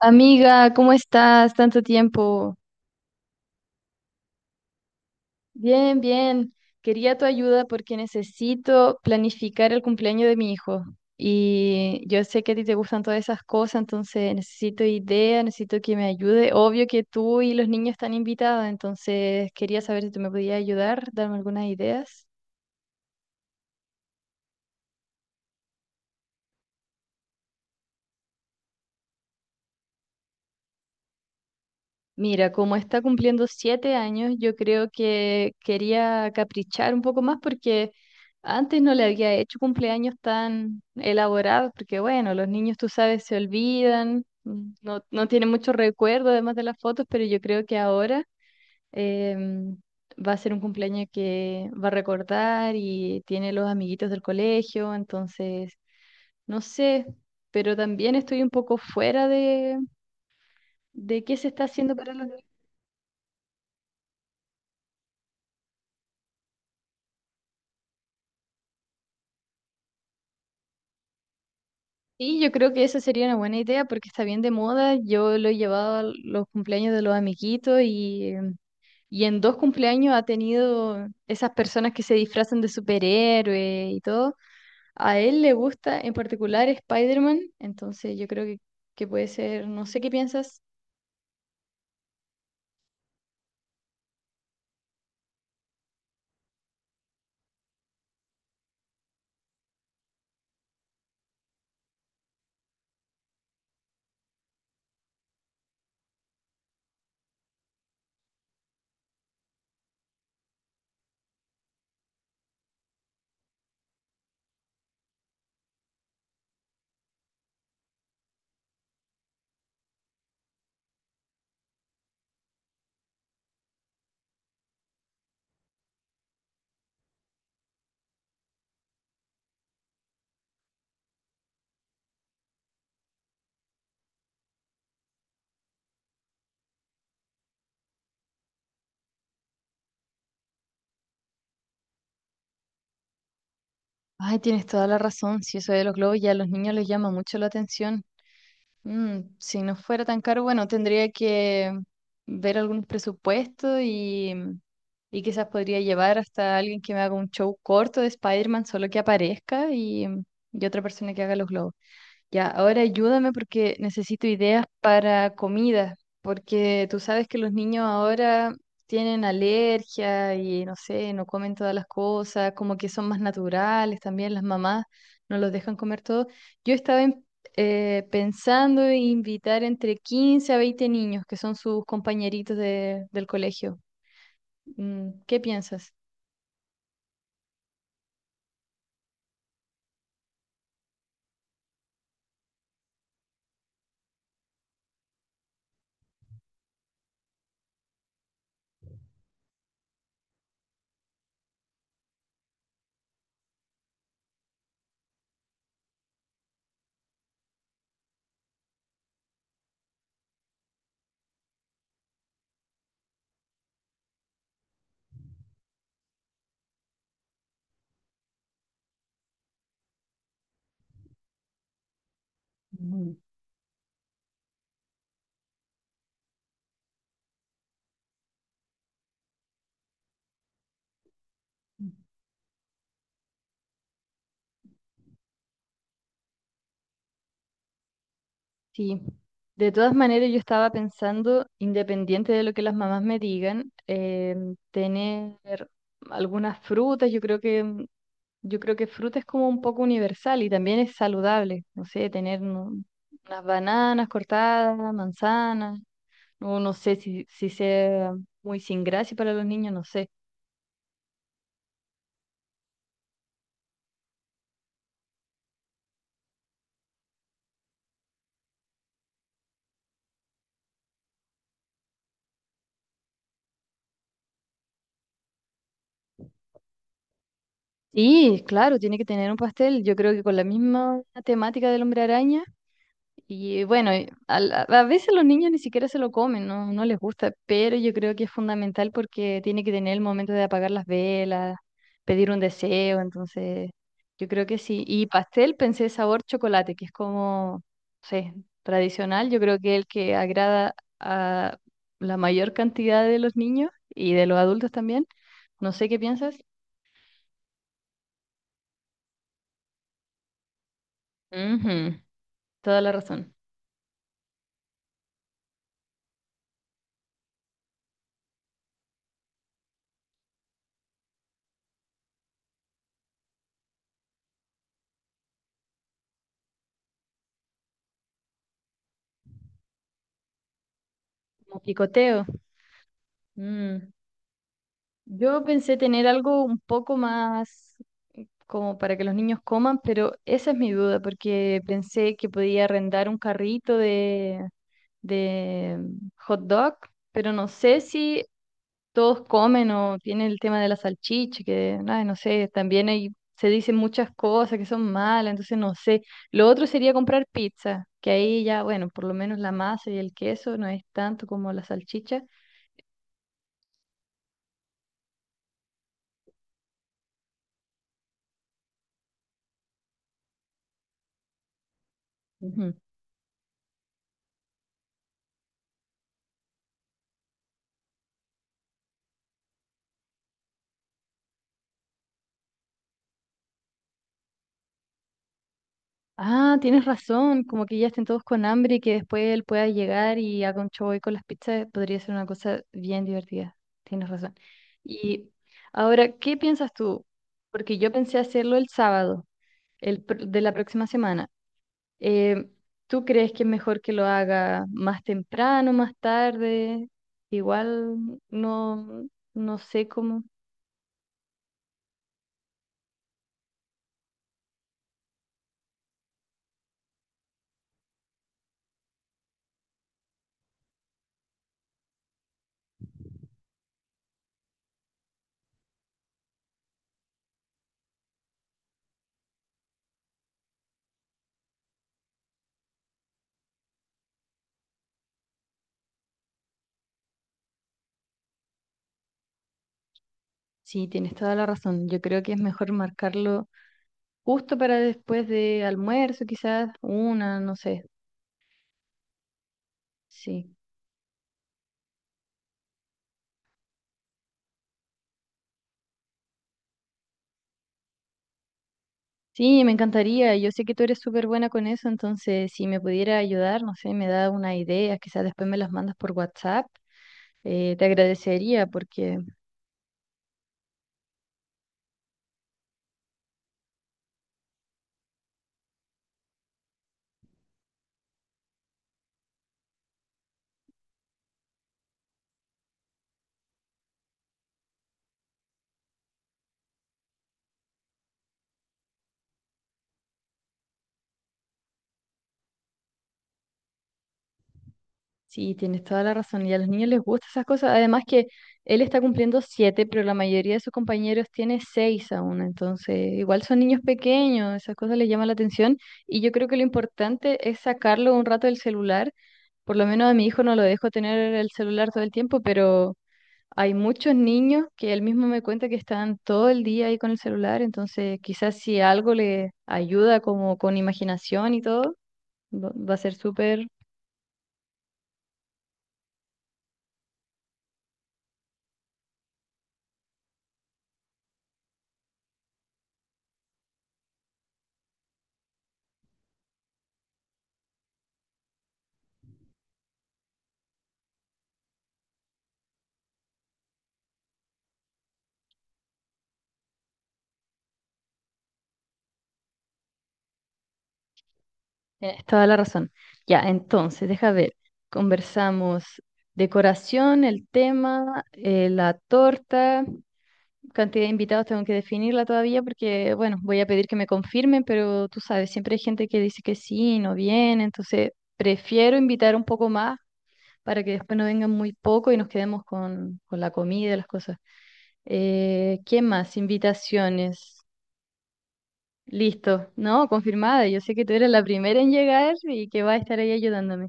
Amiga, ¿cómo estás? Tanto tiempo. Bien, bien. Quería tu ayuda porque necesito planificar el cumpleaños de mi hijo. Y yo sé que a ti te gustan todas esas cosas, entonces necesito ideas, necesito que me ayude. Obvio que tú y los niños están invitados, entonces quería saber si tú me podías ayudar, darme algunas ideas. Mira, como está cumpliendo 7 años, yo creo que quería caprichar un poco más porque antes no le había hecho cumpleaños tan elaborados, porque bueno, los niños, tú sabes, se olvidan, no, no tienen mucho recuerdo además de las fotos, pero yo creo que ahora em, va a ser un cumpleaños que va a recordar y tiene los amiguitos del colegio. Entonces, no sé, pero también estoy un poco fuera de qué se está haciendo para los niños. Sí, yo creo que esa sería una buena idea porque está bien de moda. Yo lo he llevado a los cumpleaños de los amiguitos y y en 2 cumpleaños ha tenido esas personas que se disfrazan de superhéroe y todo. A él le gusta en particular Spider-Man, entonces yo creo que puede ser, no sé qué piensas. Ay, tienes toda la razón, si eso de los globos ya a los niños les llama mucho la atención. Mm, si no fuera tan caro, bueno, tendría que ver algunos presupuestos y quizás podría llevar hasta alguien que me haga un show corto de Spider-Man, solo que aparezca y otra persona que haga los globos. Ya, ahora ayúdame porque necesito ideas para comida, porque tú sabes que los niños ahora tienen alergia y no sé, no comen todas las cosas, como que son más naturales también, las mamás no los dejan comer todo. Yo estaba en- Pensando en invitar entre 15 a 20 niños que son sus compañeritos del colegio. Mm, ¿qué piensas? Mm. Sí, de todas maneras yo estaba pensando, independiente de lo que las mamás me digan, tener algunas frutas, yo creo que yo creo que fruta es como un poco universal y también es saludable, no sé, unas bananas cortadas, manzanas, o no sé si sea muy sin gracia para los niños, no sé. Sí, claro, tiene que tener un pastel, yo creo que con la misma temática del hombre araña. Y bueno, a veces los niños ni siquiera se lo comen, no, no les gusta, pero yo creo que es fundamental porque tiene que tener el momento de apagar las velas, pedir un deseo. Entonces yo creo que sí. Y pastel pensé sabor chocolate, que es como, no sé, tradicional, yo creo que el que agrada a la mayor cantidad de los niños y de los adultos también. No sé qué piensas. Ujú. Toda la razón. Como picoteo. Mm. Yo pensé tener algo un poco más como para que los niños coman, pero esa es mi duda, porque pensé que podía arrendar un carrito de hot dog, pero no sé si todos comen o tiene el tema de la salchicha, que ay, no sé, también hay, se dicen muchas cosas que son malas, entonces no sé. Lo otro sería comprar pizza, que ahí ya, bueno, por lo menos la masa y el queso no es tanto como la salchicha. Ah, tienes razón, como que ya estén todos con hambre y que después él pueda llegar y haga un show ahí con las pizzas, podría ser una cosa bien divertida. Tienes razón. Y ahora, ¿qué piensas tú? Porque yo pensé hacerlo el sábado, de la próxima semana. Eh, ¿Tú crees que es mejor que lo haga más temprano, más tarde? Igual no, no sé cómo. Sí, tienes toda la razón. Yo creo que es mejor marcarlo justo para después de almuerzo, quizás, una, no sé. Sí. Sí, me encantaría. Yo sé que tú eres súper buena con eso, entonces si me pudiera ayudar, no sé, me da una idea, quizás después me las mandas por WhatsApp, te agradecería porque sí, tienes toda la razón y a los niños les gustan esas cosas. Además que él está cumpliendo siete, pero la mayoría de sus compañeros tiene 6 aún, entonces igual son niños pequeños, esas cosas les llaman la atención y yo creo que lo importante es sacarlo un rato del celular. Por lo menos a mi hijo no lo dejo tener el celular todo el tiempo, pero hay muchos niños que él mismo me cuenta que están todo el día ahí con el celular, entonces quizás si algo le ayuda como con imaginación y todo, va a ser súper... Tienes toda la razón. Ya, entonces, deja ver. Conversamos decoración, el tema, la torta. Cantidad de invitados tengo que definirla todavía porque, bueno, voy a pedir que me confirmen, pero tú sabes, siempre hay gente que dice que sí y no viene, entonces prefiero invitar un poco más para que después no vengan muy poco y nos quedemos con la comida y las cosas. ¿Qué más? Invitaciones. Listo, ¿no? Confirmada. Yo sé que tú eres la primera en llegar y que va a estar ahí ayudándome.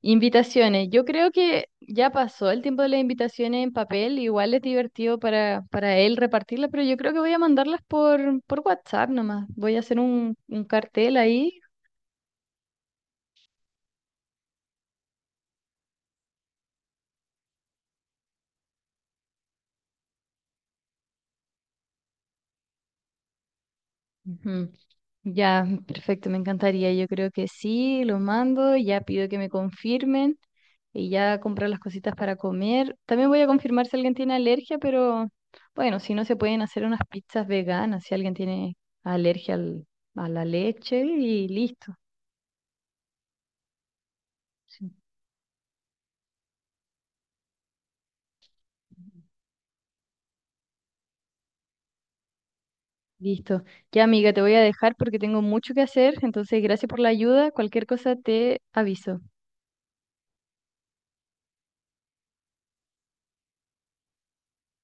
Invitaciones. Yo creo que ya pasó el tiempo de las invitaciones en papel. Igual es divertido para él repartirlas, pero yo creo que voy a mandarlas por WhatsApp nomás. Voy a hacer un cartel ahí. Ujú. Ya, perfecto, me encantaría. Yo creo que sí, lo mando. Ya pido que me confirmen y ya comprar las cositas para comer. También voy a confirmar si alguien tiene alergia, pero bueno, si no se pueden hacer unas pizzas veganas, si alguien tiene alergia al- a la leche y listo. Sí. Listo. Ya, amiga, te voy a dejar porque tengo mucho que hacer, entonces gracias por la ayuda. Cualquier cosa te aviso.